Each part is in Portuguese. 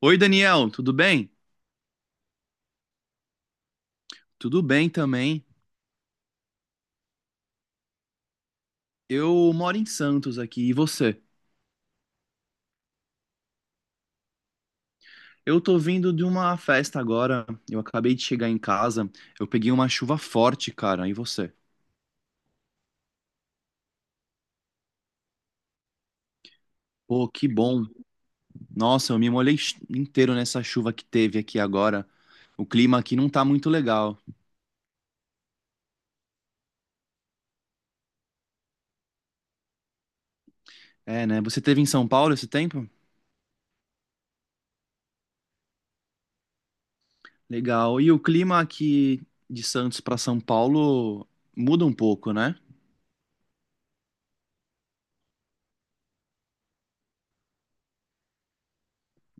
Oi, Daniel, tudo bem? Tudo bem também. Eu moro em Santos aqui, e você? Eu tô vindo de uma festa agora. Eu acabei de chegar em casa. Eu peguei uma chuva forte, cara. E você? Pô, que bom. Nossa, eu me molhei inteiro nessa chuva que teve aqui agora. O clima aqui não tá muito legal. É, né? Você teve em São Paulo esse tempo? Legal. E o clima aqui de Santos pra São Paulo muda um pouco, né?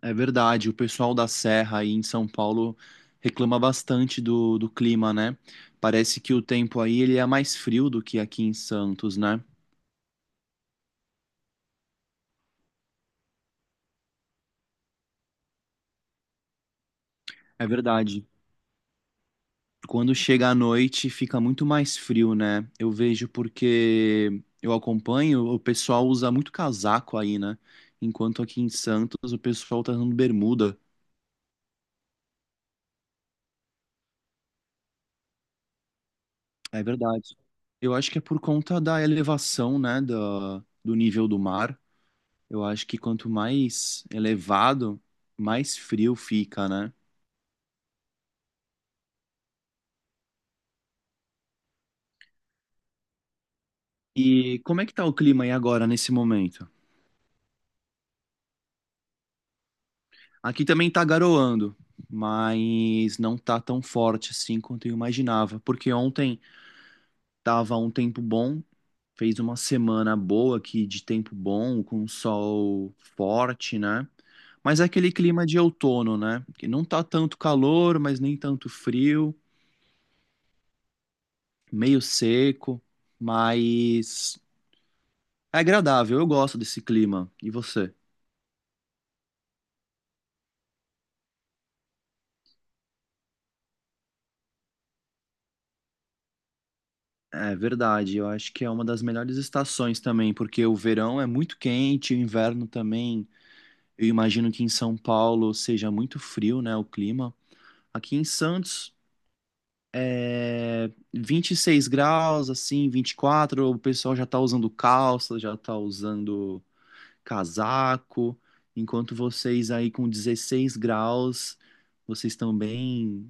É verdade, o pessoal da Serra aí em São Paulo reclama bastante do clima, né? Parece que o tempo aí ele é mais frio do que aqui em Santos, né? É verdade. Quando chega à noite fica muito mais frio, né? Eu vejo porque eu acompanho, o pessoal usa muito casaco aí, né? Enquanto aqui em Santos o pessoal tá usando bermuda. É verdade. Eu acho que é por conta da elevação, né, do nível do mar. Eu acho que quanto mais elevado, mais frio fica, né? E como é que tá o clima aí agora, nesse momento? Aqui também tá garoando, mas não tá tão forte assim quanto eu imaginava, porque ontem tava um tempo bom, fez uma semana boa aqui de tempo bom, com sol forte, né? Mas é aquele clima de outono, né? Que não tá tanto calor, mas nem tanto frio, meio seco, mas é agradável, eu gosto desse clima. E você? É verdade, eu acho que é uma das melhores estações também, porque o verão é muito quente, o inverno também. Eu imagino que em São Paulo seja muito frio, né, o clima. Aqui em Santos é 26 graus, assim, 24. O pessoal já tá usando calça, já tá usando casaco, enquanto vocês aí com 16 graus, vocês estão bem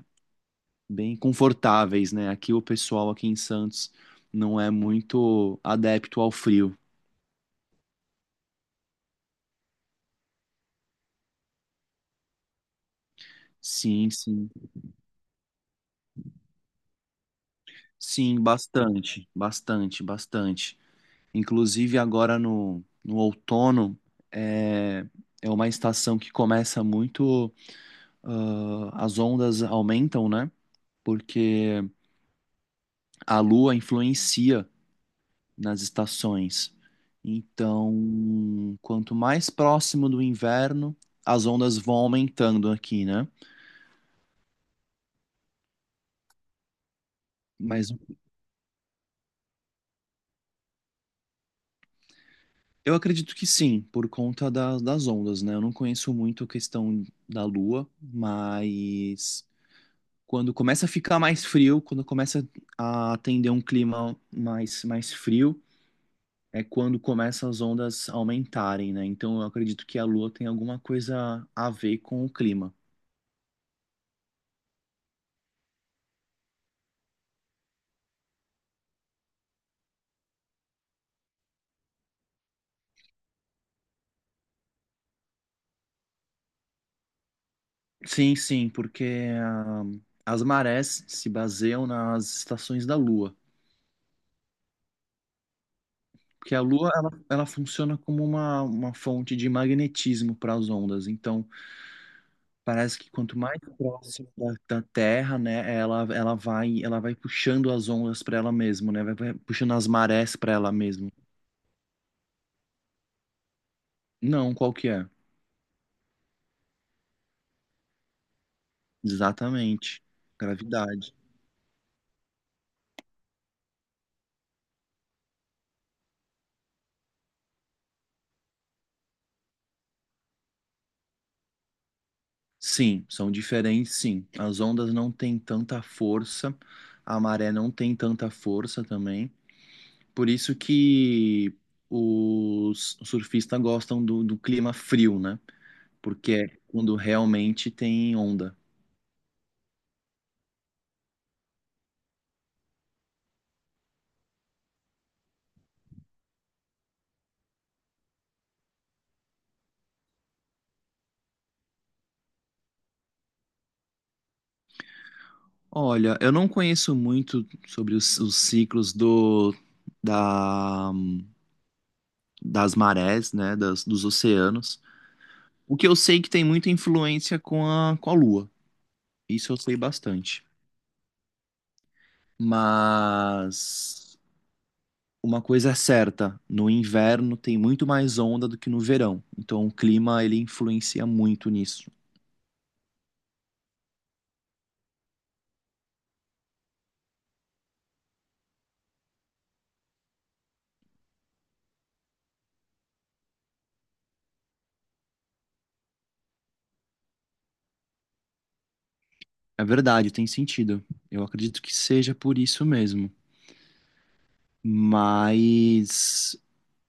bem confortáveis, né? Aqui o pessoal aqui em Santos não é muito adepto ao frio. Sim, sim. Sim, bastante, bastante, bastante. Inclusive agora no outono é, é uma estação que começa muito, ah, as ondas aumentam, né? Porque a lua influencia nas estações. Então, quanto mais próximo do inverno, as ondas vão aumentando aqui, né? Mas eu acredito que sim, por conta da- das ondas, né? Eu não conheço muito a questão da Lua, mas quando começa a ficar mais frio, quando começa a atender um clima mais, mais frio, é quando começa as ondas aumentarem, né? Então eu acredito que a Lua tem alguma coisa a ver com o clima. Sim, sim, porque ah, as marés se baseiam nas estações da Lua. Porque a Lua, ela funciona como uma fonte de magnetismo para as ondas. Então, parece que quanto mais próximo da Terra, né, ela, ela vai puxando as ondas para ela mesma, né? Vai, vai puxando as marés para ela mesma. Não, qual que é? Exatamente. Gravidade. Sim, são diferentes, sim. As ondas não têm tanta força, a maré não tem tanta força também. Por isso que os surfistas gostam do clima frio, né? Porque é quando realmente tem onda. Olha, eu não conheço muito sobre os ciclos do, da, das marés, né, das, dos oceanos. O que eu sei é que tem muita influência com a Lua. Isso eu sei bastante. Mas uma coisa é certa, no inverno tem muito mais onda do que no verão. Então o clima ele influencia muito nisso. É verdade, tem sentido. Eu acredito que seja por isso mesmo. Mas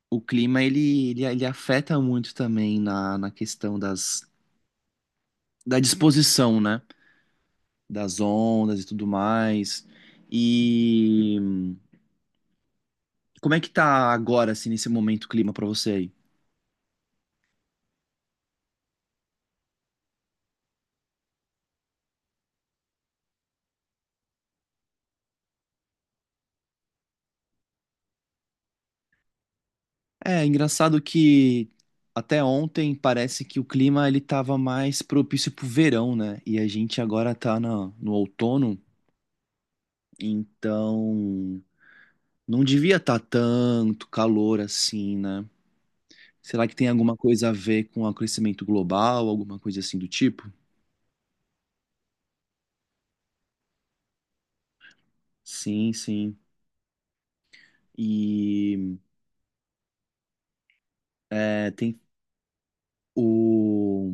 o clima ele, ele, ele afeta muito também na, na questão das, da disposição, né? Das ondas e tudo mais. E como é que tá agora, assim, nesse momento o clima pra você aí? É engraçado que até ontem parece que o clima ele tava mais propício pro verão, né? E a gente agora tá na, no outono, então não devia estar tanto calor assim, né? Será que tem alguma coisa a ver com o aquecimento global, alguma coisa assim do tipo? Sim, sim. E é, tem o.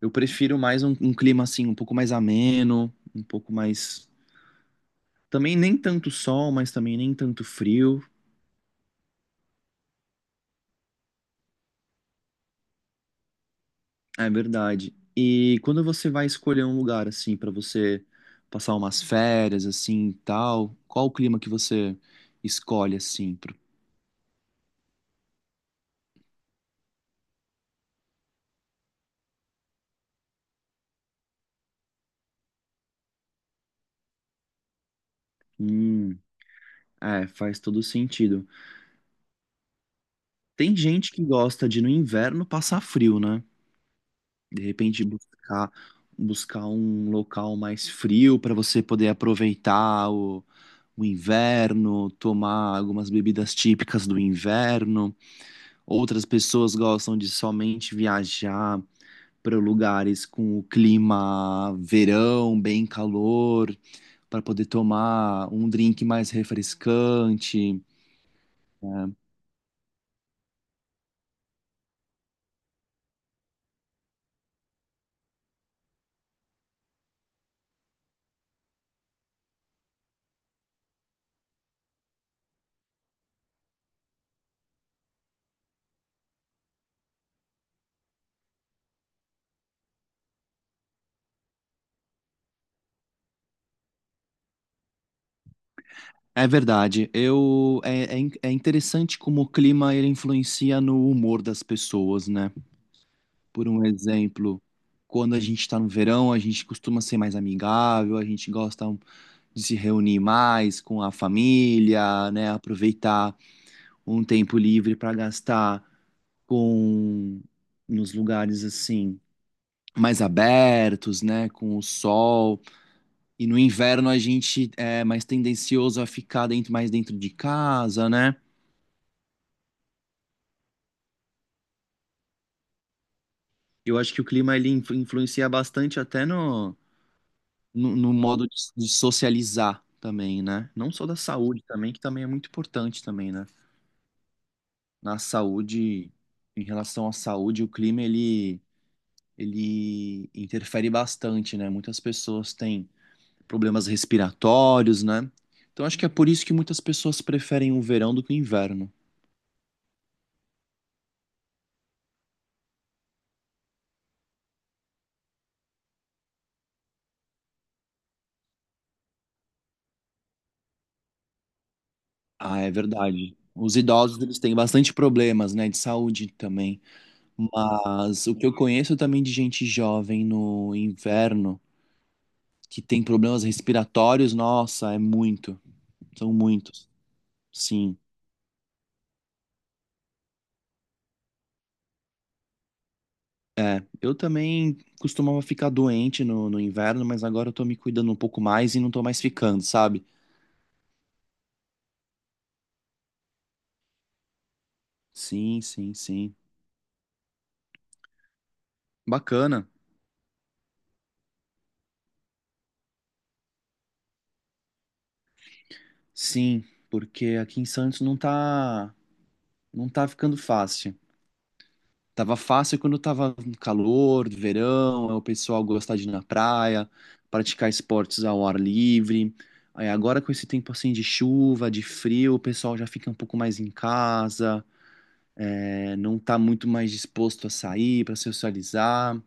Eu prefiro mais um clima assim, um pouco mais ameno, um pouco mais. Também nem tanto sol, mas também nem tanto frio. É verdade. E quando você vai escolher um lugar assim pra você passar umas férias assim, e tal, qual o clima que você escolhe assim? Pro- Hum, é, faz todo sentido. Tem gente que gosta de no inverno passar frio, né? De repente buscar, buscar um local mais frio para você poder aproveitar o inverno, tomar algumas bebidas típicas do inverno. Outras pessoas gostam de somente viajar para lugares com o clima verão, bem calor, para poder tomar um drink mais refrescante. Né? É verdade. Eu é, é, in- é interessante como o clima ele influencia no humor das pessoas, né? Por um exemplo, quando a gente está no verão, a gente costuma ser mais amigável, a gente gosta de se reunir mais com a família, né? Aproveitar um tempo livre para gastar com nos lugares assim mais abertos, né? Com o sol. E no inverno a gente é mais tendencioso a ficar dentro, mais dentro de casa, né? Eu acho que o clima ele influencia bastante até no, no, no modo de socializar também, né? Não só da saúde também, que também é muito importante também, né? Na saúde, em relação à saúde, o clima ele, ele interfere bastante, né? Muitas pessoas têm problemas respiratórios, né? Então acho que é por isso que muitas pessoas preferem o verão do que o inverno. Ah, é verdade. Os idosos eles têm bastante problemas, né, de saúde também. Mas o que eu conheço também de gente jovem no inverno que tem problemas respiratórios, nossa, é muito. São muitos. Sim. É. Eu também costumava ficar doente no inverno, mas agora eu tô me cuidando um pouco mais e não tô mais ficando, sabe? Sim, sim, sim. Bacana. Sim, porque aqui em Santos não tá, não tá ficando fácil. Tava fácil quando tava calor, verão, é o pessoal gostar de ir na praia, praticar esportes ao ar livre. Aí agora com esse tempo assim de chuva, de frio, o pessoal já fica um pouco mais em casa, é, não tá muito mais disposto a sair para socializar.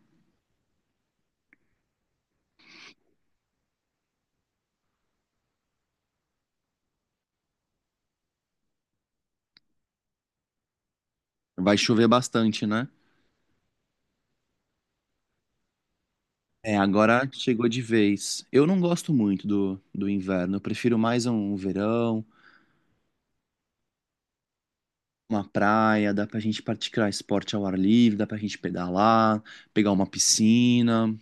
Vai chover bastante, né? É, agora chegou de vez. Eu não gosto muito do inverno, eu prefiro mais um verão, uma praia, dá pra gente praticar esporte ao ar livre, dá pra gente pedalar, pegar uma piscina.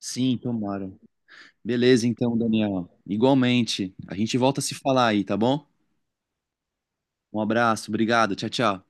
Sim, tomara. Beleza, então, Daniel. Igualmente. A gente volta a se falar aí, tá bom? Um abraço, obrigado, tchau, tchau.